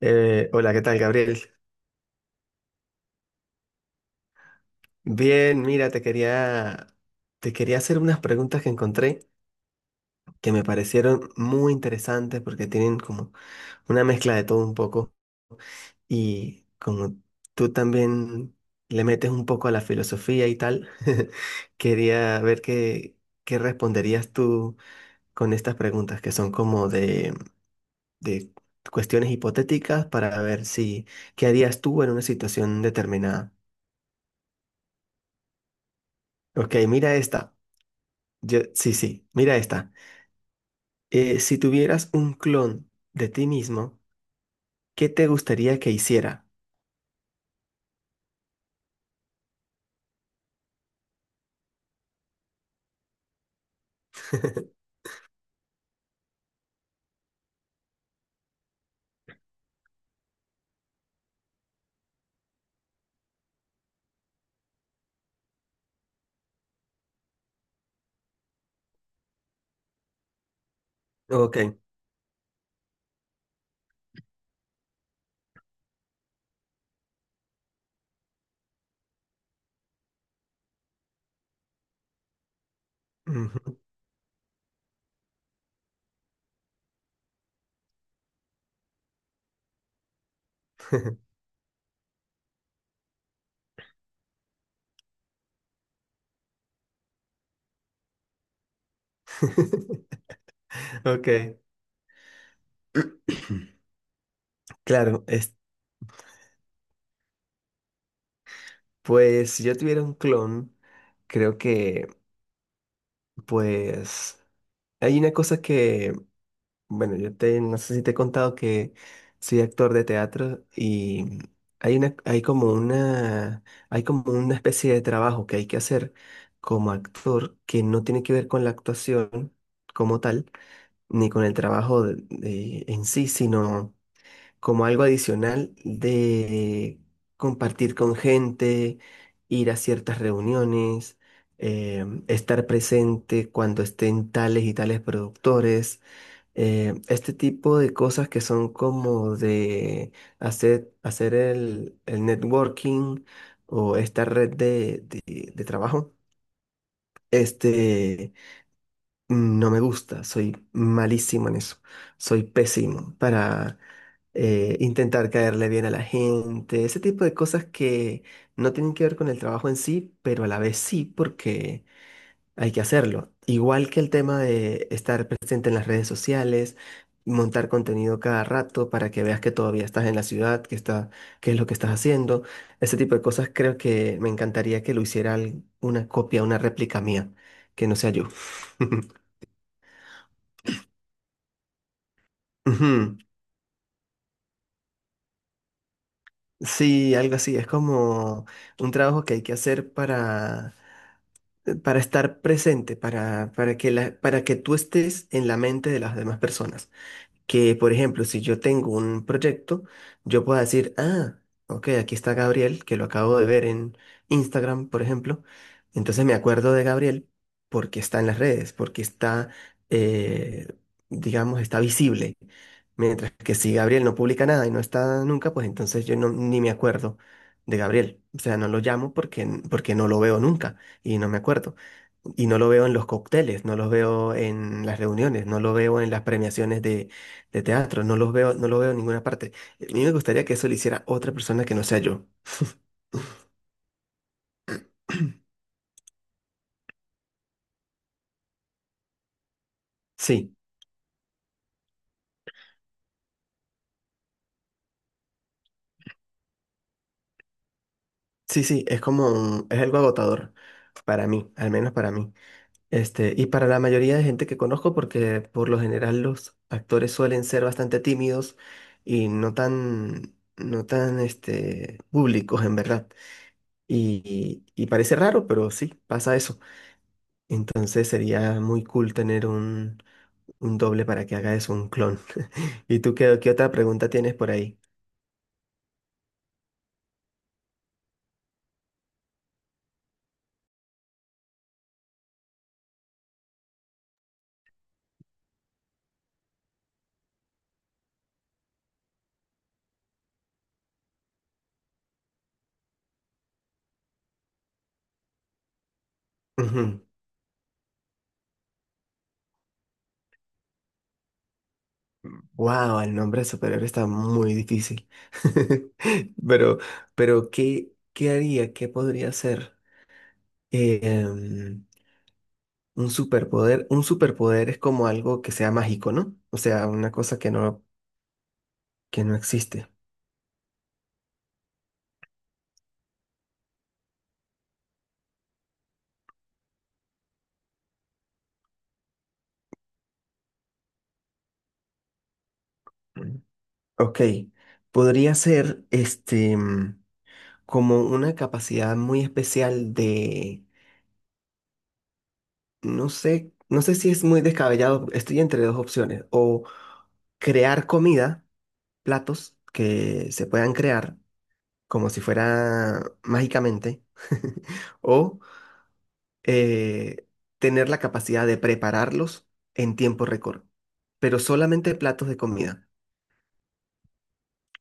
Hola, ¿qué tal, Gabriel? Bien, mira, te quería hacer unas preguntas que encontré que me parecieron muy interesantes porque tienen como una mezcla de todo un poco y como tú también le metes un poco a la filosofía y tal, quería qué responderías tú con estas preguntas que son como de cuestiones hipotéticas para ver si, ¿qué harías tú en una situación determinada? Ok, mira esta. Sí, sí, mira esta. Si tuvieras un clon de ti mismo, ¿qué te gustaría que hiciera? Ok. Ujú. Ok. Claro, pues si yo tuviera un clon, creo que pues hay una cosa que bueno, yo te, no sé si te he contado que soy actor de teatro y hay una, hay como una, hay como una especie de trabajo que hay que hacer como actor que no tiene que ver con la actuación como tal, ni con el en sí, sino como algo adicional de compartir con gente, ir a ciertas reuniones, estar presente cuando estén tales y tales productores, este tipo de cosas que son como de hacer el networking o esta red de trabajo. Este, no me gusta, soy malísimo en eso, soy pésimo para intentar caerle bien a la gente, ese tipo de cosas que no tienen que ver con el trabajo en sí, pero a la vez sí, porque hay que hacerlo. Igual que el tema de estar presente en las redes sociales, montar contenido cada rato para que veas que todavía estás en la ciudad, qué es lo que estás haciendo. Ese tipo de cosas creo que me encantaría que lo hiciera una copia, una réplica mía, que no sea yo. Ujú. Sí, algo así. Es como un trabajo que hay que hacer para estar presente, para que para que tú estés en la mente de las demás personas. Que, por ejemplo, si yo tengo un proyecto, yo pueda decir, ah, ok, aquí está Gabriel, que lo acabo de ver en Instagram, por ejemplo. Entonces me acuerdo de Gabriel porque está en las redes, porque está, eh, digamos, está visible. Mientras que si Gabriel no publica nada y no está nunca, pues entonces yo no, ni me acuerdo de Gabriel. O sea, no lo llamo porque no lo veo nunca y no me acuerdo. Y no lo veo en los cócteles, no lo veo en las reuniones, no lo veo en las premiaciones de teatro, no los veo, no lo veo en ninguna parte. A mí me gustaría que eso lo hiciera otra persona que no sea yo. Sí, sí, sí, es como es algo agotador para mí, al menos para mí. Este, y para la mayoría de gente que conozco, porque por lo general los actores suelen ser bastante tímidos y no tan, este, públicos en verdad. Y parece raro, pero sí, pasa eso. Entonces sería muy cool tener un doble para que haga eso, un clon. ¿Y tú qué, qué otra pregunta tienes por ahí? Wow, el nombre de superhéroe está muy difícil. Pero, pero ¿qué, qué haría? ¿Qué podría ser? Eh, em, un superpoder. Un superpoder es como algo que sea mágico, ¿no? O sea, una cosa que no existe. Mm. Ok. Podría ser como una capacidad muy especial de. No sé, no sé si es muy descabellado. Estoy entre dos opciones. O crear comida, platos que se puedan crear como si fuera mágicamente, o eh, tener la capacidad de prepararlos en tiempo récord, pero solamente platos de comida,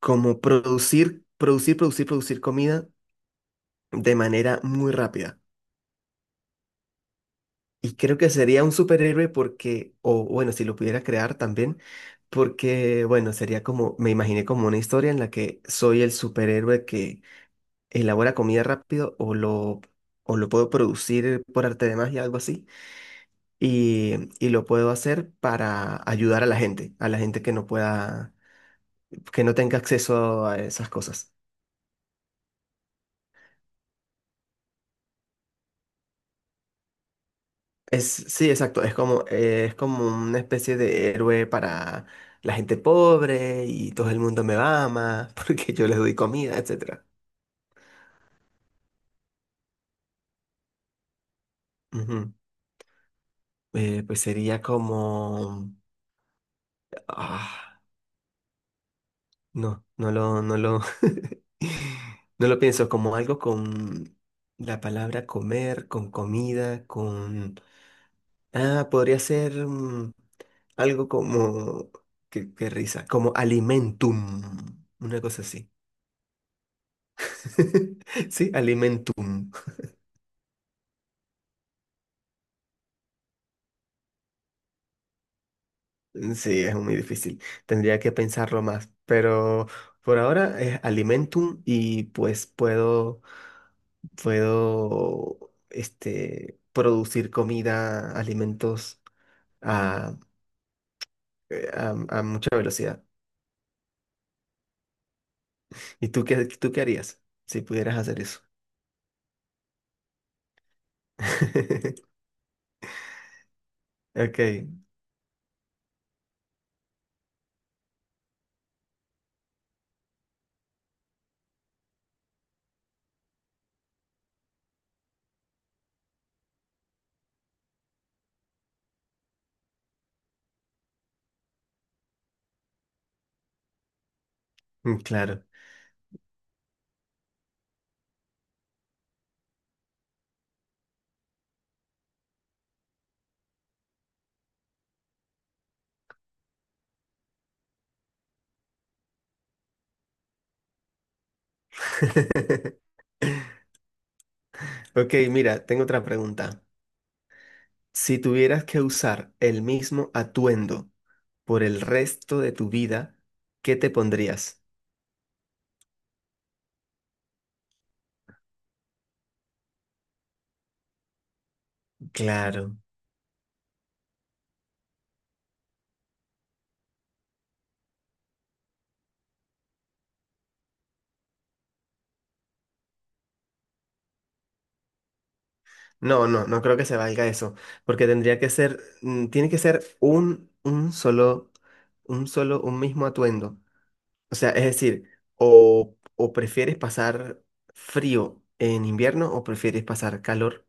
como producir comida de manera muy rápida. Y creo que sería un superhéroe porque, o bueno, si lo pudiera crear también, porque, bueno, sería como, me imaginé como una historia en la que soy el superhéroe que elabora comida rápido o lo puedo producir por arte de magia, algo así, y lo puedo hacer para ayudar a la gente que no pueda, que no tenga acceso a esas cosas. Es, sí, exacto, es como una especie de héroe para la gente pobre y todo el mundo me ama porque yo les doy comida, etcétera. Ujú. Pues sería como... Ah, no, no lo, no lo, no lo pienso como algo con la palabra comer, con comida, con... Ah, podría ser mm, algo como... Qué, qué risa, como alimentum, una cosa así. Sí, alimentum. Sí, es muy difícil. Tendría que pensarlo más, pero por ahora es alimentum y puedo, este, producir comida, alimentos. ah, a mucha velocidad. ¿Y tú qué harías si pudieras hacer eso? Ok, mm, claro. Ok, mira, tengo otra pregunta. Si tuvieras que usar el mismo atuendo por el resto de tu vida, ¿qué te pondrías? Claro. No, no, no creo que se valga eso, porque tendría que ser, mm, tiene que ser un, un solo, un mismo atuendo. O sea, es decir, o prefieres pasar frío en invierno o prefieres pasar calor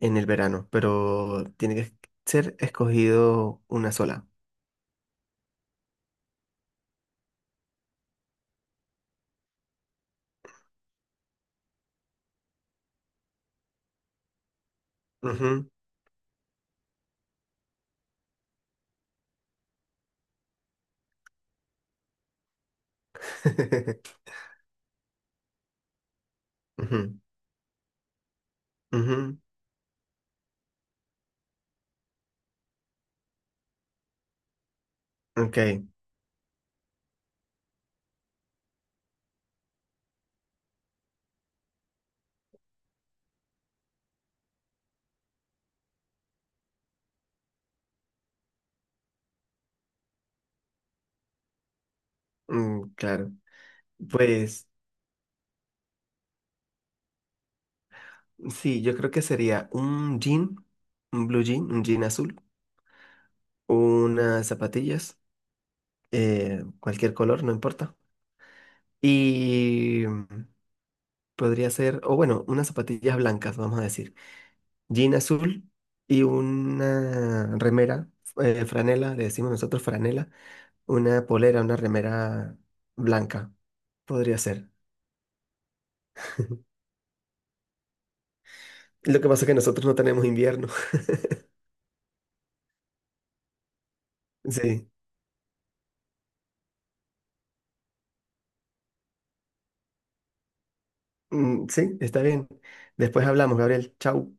en el verano, pero tiene que ser escogido una sola. Ujú. Ujú, ujú. Ok, mm, claro. Pues sí, yo creo que sería un jean, un blue jean, un jean azul, unas zapatillas, cualquier color, no importa. Y mm, podría ser, o bueno, unas zapatillas blancas, vamos a decir. Jean azul y una remera, franela, le decimos nosotros franela, una polera, una remera blanca, podría ser. Lo que pasa es que nosotros no tenemos invierno. Sí, mm, sí, está bien. Después hablamos, Gabriel. Chau.